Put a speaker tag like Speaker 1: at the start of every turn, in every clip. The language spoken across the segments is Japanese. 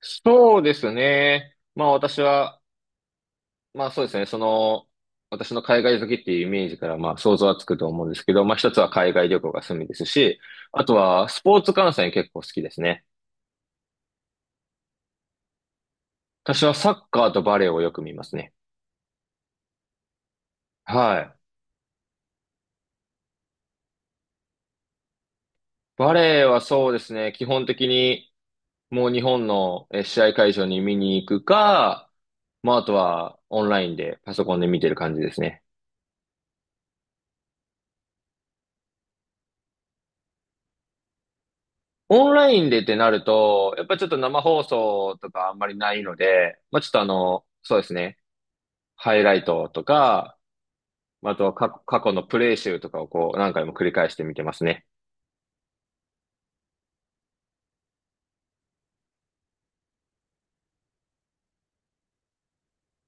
Speaker 1: そうですね。私は、まあそうですね、その、私の海外好きっていうイメージから、まあ想像はつくと思うんですけど、まあ一つは海外旅行が趣味ですし、あとはスポーツ観戦結構好きですね。私はサッカーとバレーをよく見ますね。はい。バレーはそうですね、基本的にもう日本の試合会場に見に行くか、まああとはオンラインでパソコンで見てる感じですね。オンラインでってなると、やっぱちょっと生放送とかあんまりないので、まあちょっとあの、そうですね、ハイライトとか、まあとは過去のプレイ集とかをこう何回も繰り返して見てますね。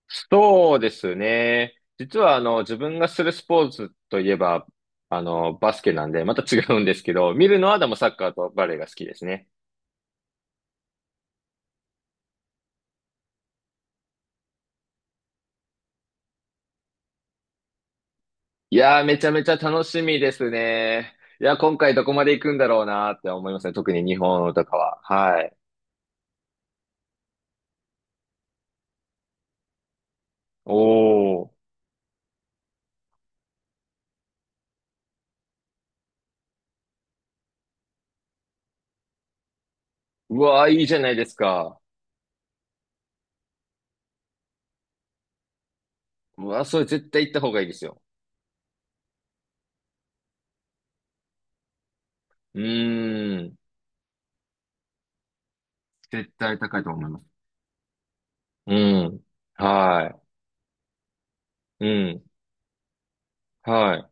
Speaker 1: そうですね。実は自分がするスポーツといえば、バスケなんで、また違うんですけど、見るのはでもサッカーとバレーが好きですね。いやー、めちゃめちゃ楽しみですね。いや、今回どこまで行くんだろうなーって思いますね。特に日本とかは。はい。おー。うわー、いいじゃないですか。うわー、それ絶対行った方がいいですよ。うーん。絶対高いと思います。うん。はい。うん。はい。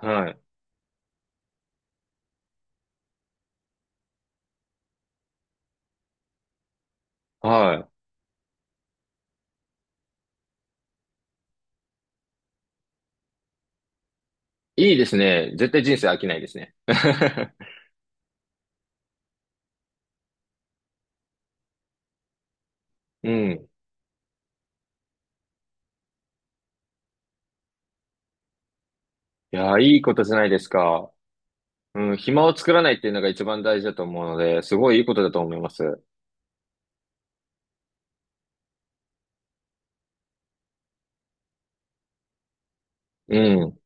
Speaker 1: はい。はい。いいですね。絶対人生飽きないですね。うん。いやー、いいことじゃないですか。うん。暇を作らないっていうのが一番大事だと思うので、すごいいいことだと思います。うん。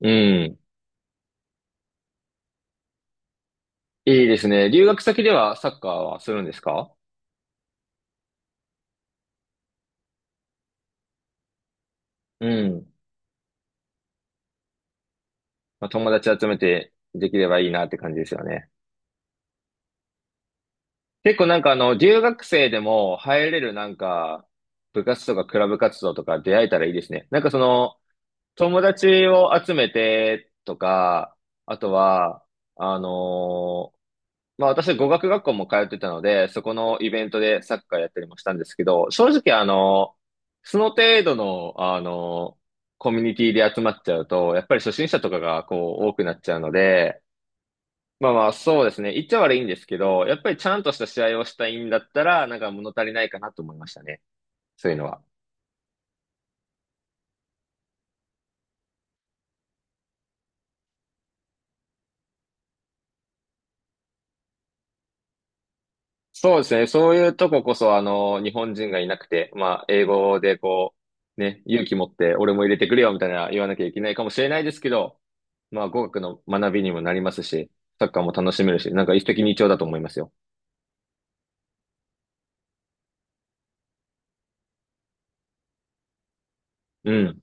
Speaker 1: うん。いいですね。留学先ではサッカーはするんですか？うん。まあ、友達集めてできればいいなって感じですよね。結構留学生でも入れるなんか、部活とかクラブ活動とか出会えたらいいですね。なんかその、友達を集めてとか、あとは、あのーまあ私語学学校も通ってたので、そこのイベントでサッカーやったりもしたんですけど、正直あの、その程度の、あの、コミュニティで集まっちゃうと、やっぱり初心者とかがこう多くなっちゃうので、まあまあ、そうですね。言っちゃ悪いんですけど、やっぱりちゃんとした試合をしたいんだったら、なんか物足りないかなと思いましたね。そういうのは。そうですね。そういうとここそ、あの、日本人がいなくて、まあ、英語でこう、ね、勇気持って俺も入れてくれよみたいな言わなきゃいけないかもしれないですけど、まあ、語学の学びにもなりますし、サッカーも楽しめるし、なんか一石二鳥だと思いますよ。うん。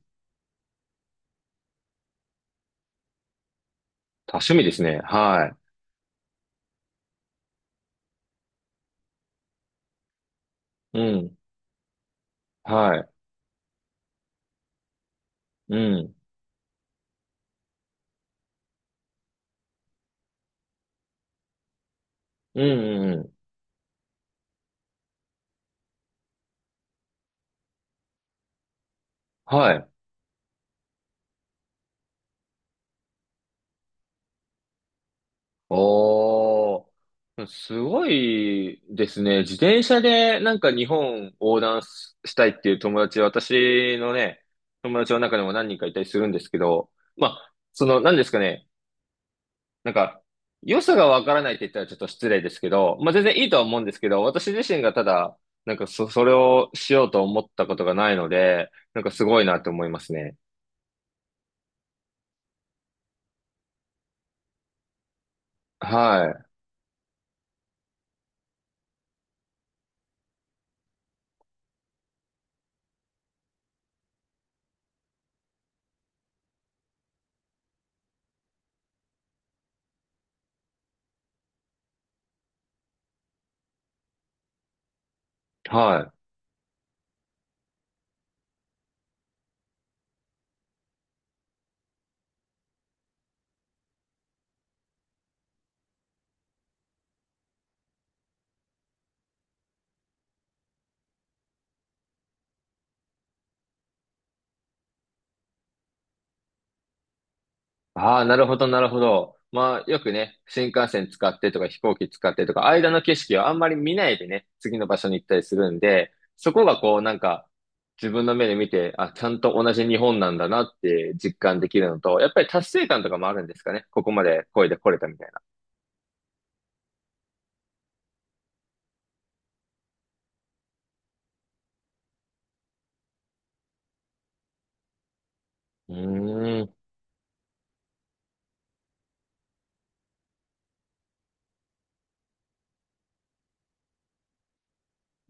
Speaker 1: 多趣味ですね。はい。うん。はい。うん。うん、うん、うん。はい。おー、すごいですね。自転車でなんか日本横断したいっていう友達、私のね、友達の中でも何人かいたりするんですけど、まあ、その、何ですかね、なんか、良さがわからないって言ったらちょっと失礼ですけど、まあ全然いいとは思うんですけど、私自身がただ、それをしようと思ったことがないので、なんかすごいなって思いますね。はい。はい。ああ、なるほど、なるほど。まあ、よくね、新幹線使ってとか飛行機使ってとか、間の景色をあんまり見ないでね、次の場所に行ったりするんで、そこがこう、なんか、自分の目で見て、あ、ちゃんと同じ日本なんだなって実感できるのと、やっぱり達成感とかもあるんですかね。ここまで声で来れたみたいな。うーん。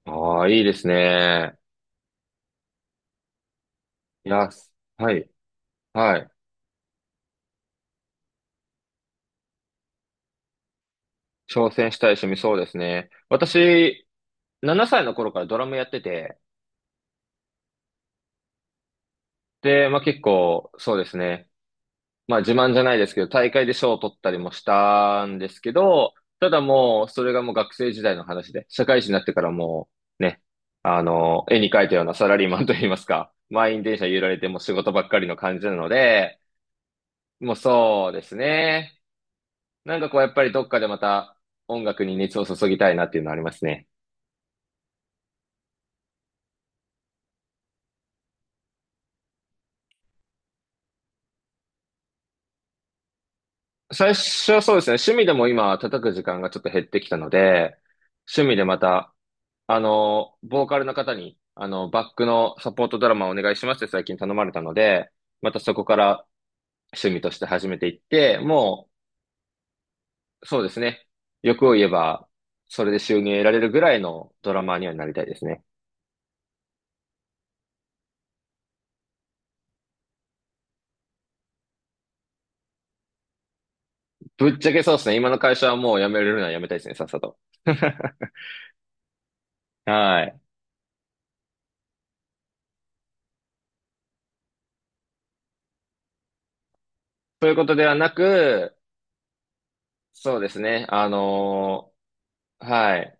Speaker 1: ああ、いいですね。いや、はい、はい。挑戦したい趣味、そうですね。私、7歳の頃からドラムやってて、で、まあ結構、そうですね。まあ自慢じゃないですけど、大会で賞を取ったりもしたんですけど、ただもう、それがもう学生時代の話で、社会人になってからもう、ね、あの、絵に描いたようなサラリーマンといいますか、満員電車揺られてもう仕事ばっかりの感じなので、もうそうですね。なんかこう、やっぱりどっかでまた音楽に熱を注ぎたいなっていうのはありますね。最初はそうですね、趣味でも今叩く時間がちょっと減ってきたので、趣味でまた、あの、ボーカルの方に、あの、バックのサポートドラマをお願いしますって最近頼まれたので、またそこから趣味として始めていって、もう、そうですね。欲を言えば、それで収入得られるぐらいのドラマーにはなりたいですね。ぶっちゃけそうですね。今の会社はもう辞めれるのは辞めたいですね、さっさと。はい。ということではなく、そうですね。はい。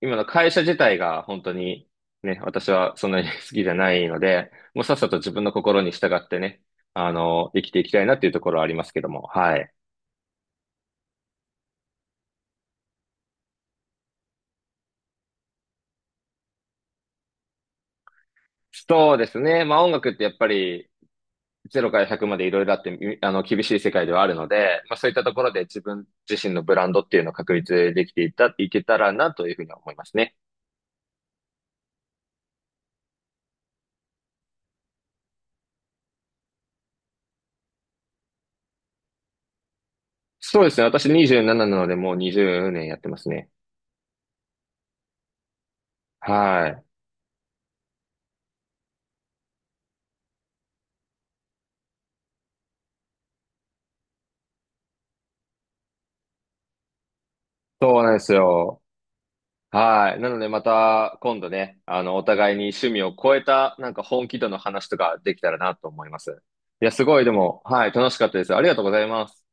Speaker 1: 今の会社自体が本当にね、私はそんなに 好きじゃないので、もうさっさと自分の心に従ってね、生きていきたいなっていうところはありますけども、はい。そうですね。まあ音楽ってやっぱり0から100までいろいろあって、みあの、厳しい世界ではあるので、まあそういったところで自分自身のブランドっていうのを確立できていた、いけたらなというふうには思いますね。そうですね。私27なのでもう20年やってますね。はい。そうなんですよ。はい。なのでまた今度ね、あの、お互いに趣味を超えたなんか本気度の話とかできたらなと思います。いや、すごいでも、はい、楽しかったです。ありがとうございます。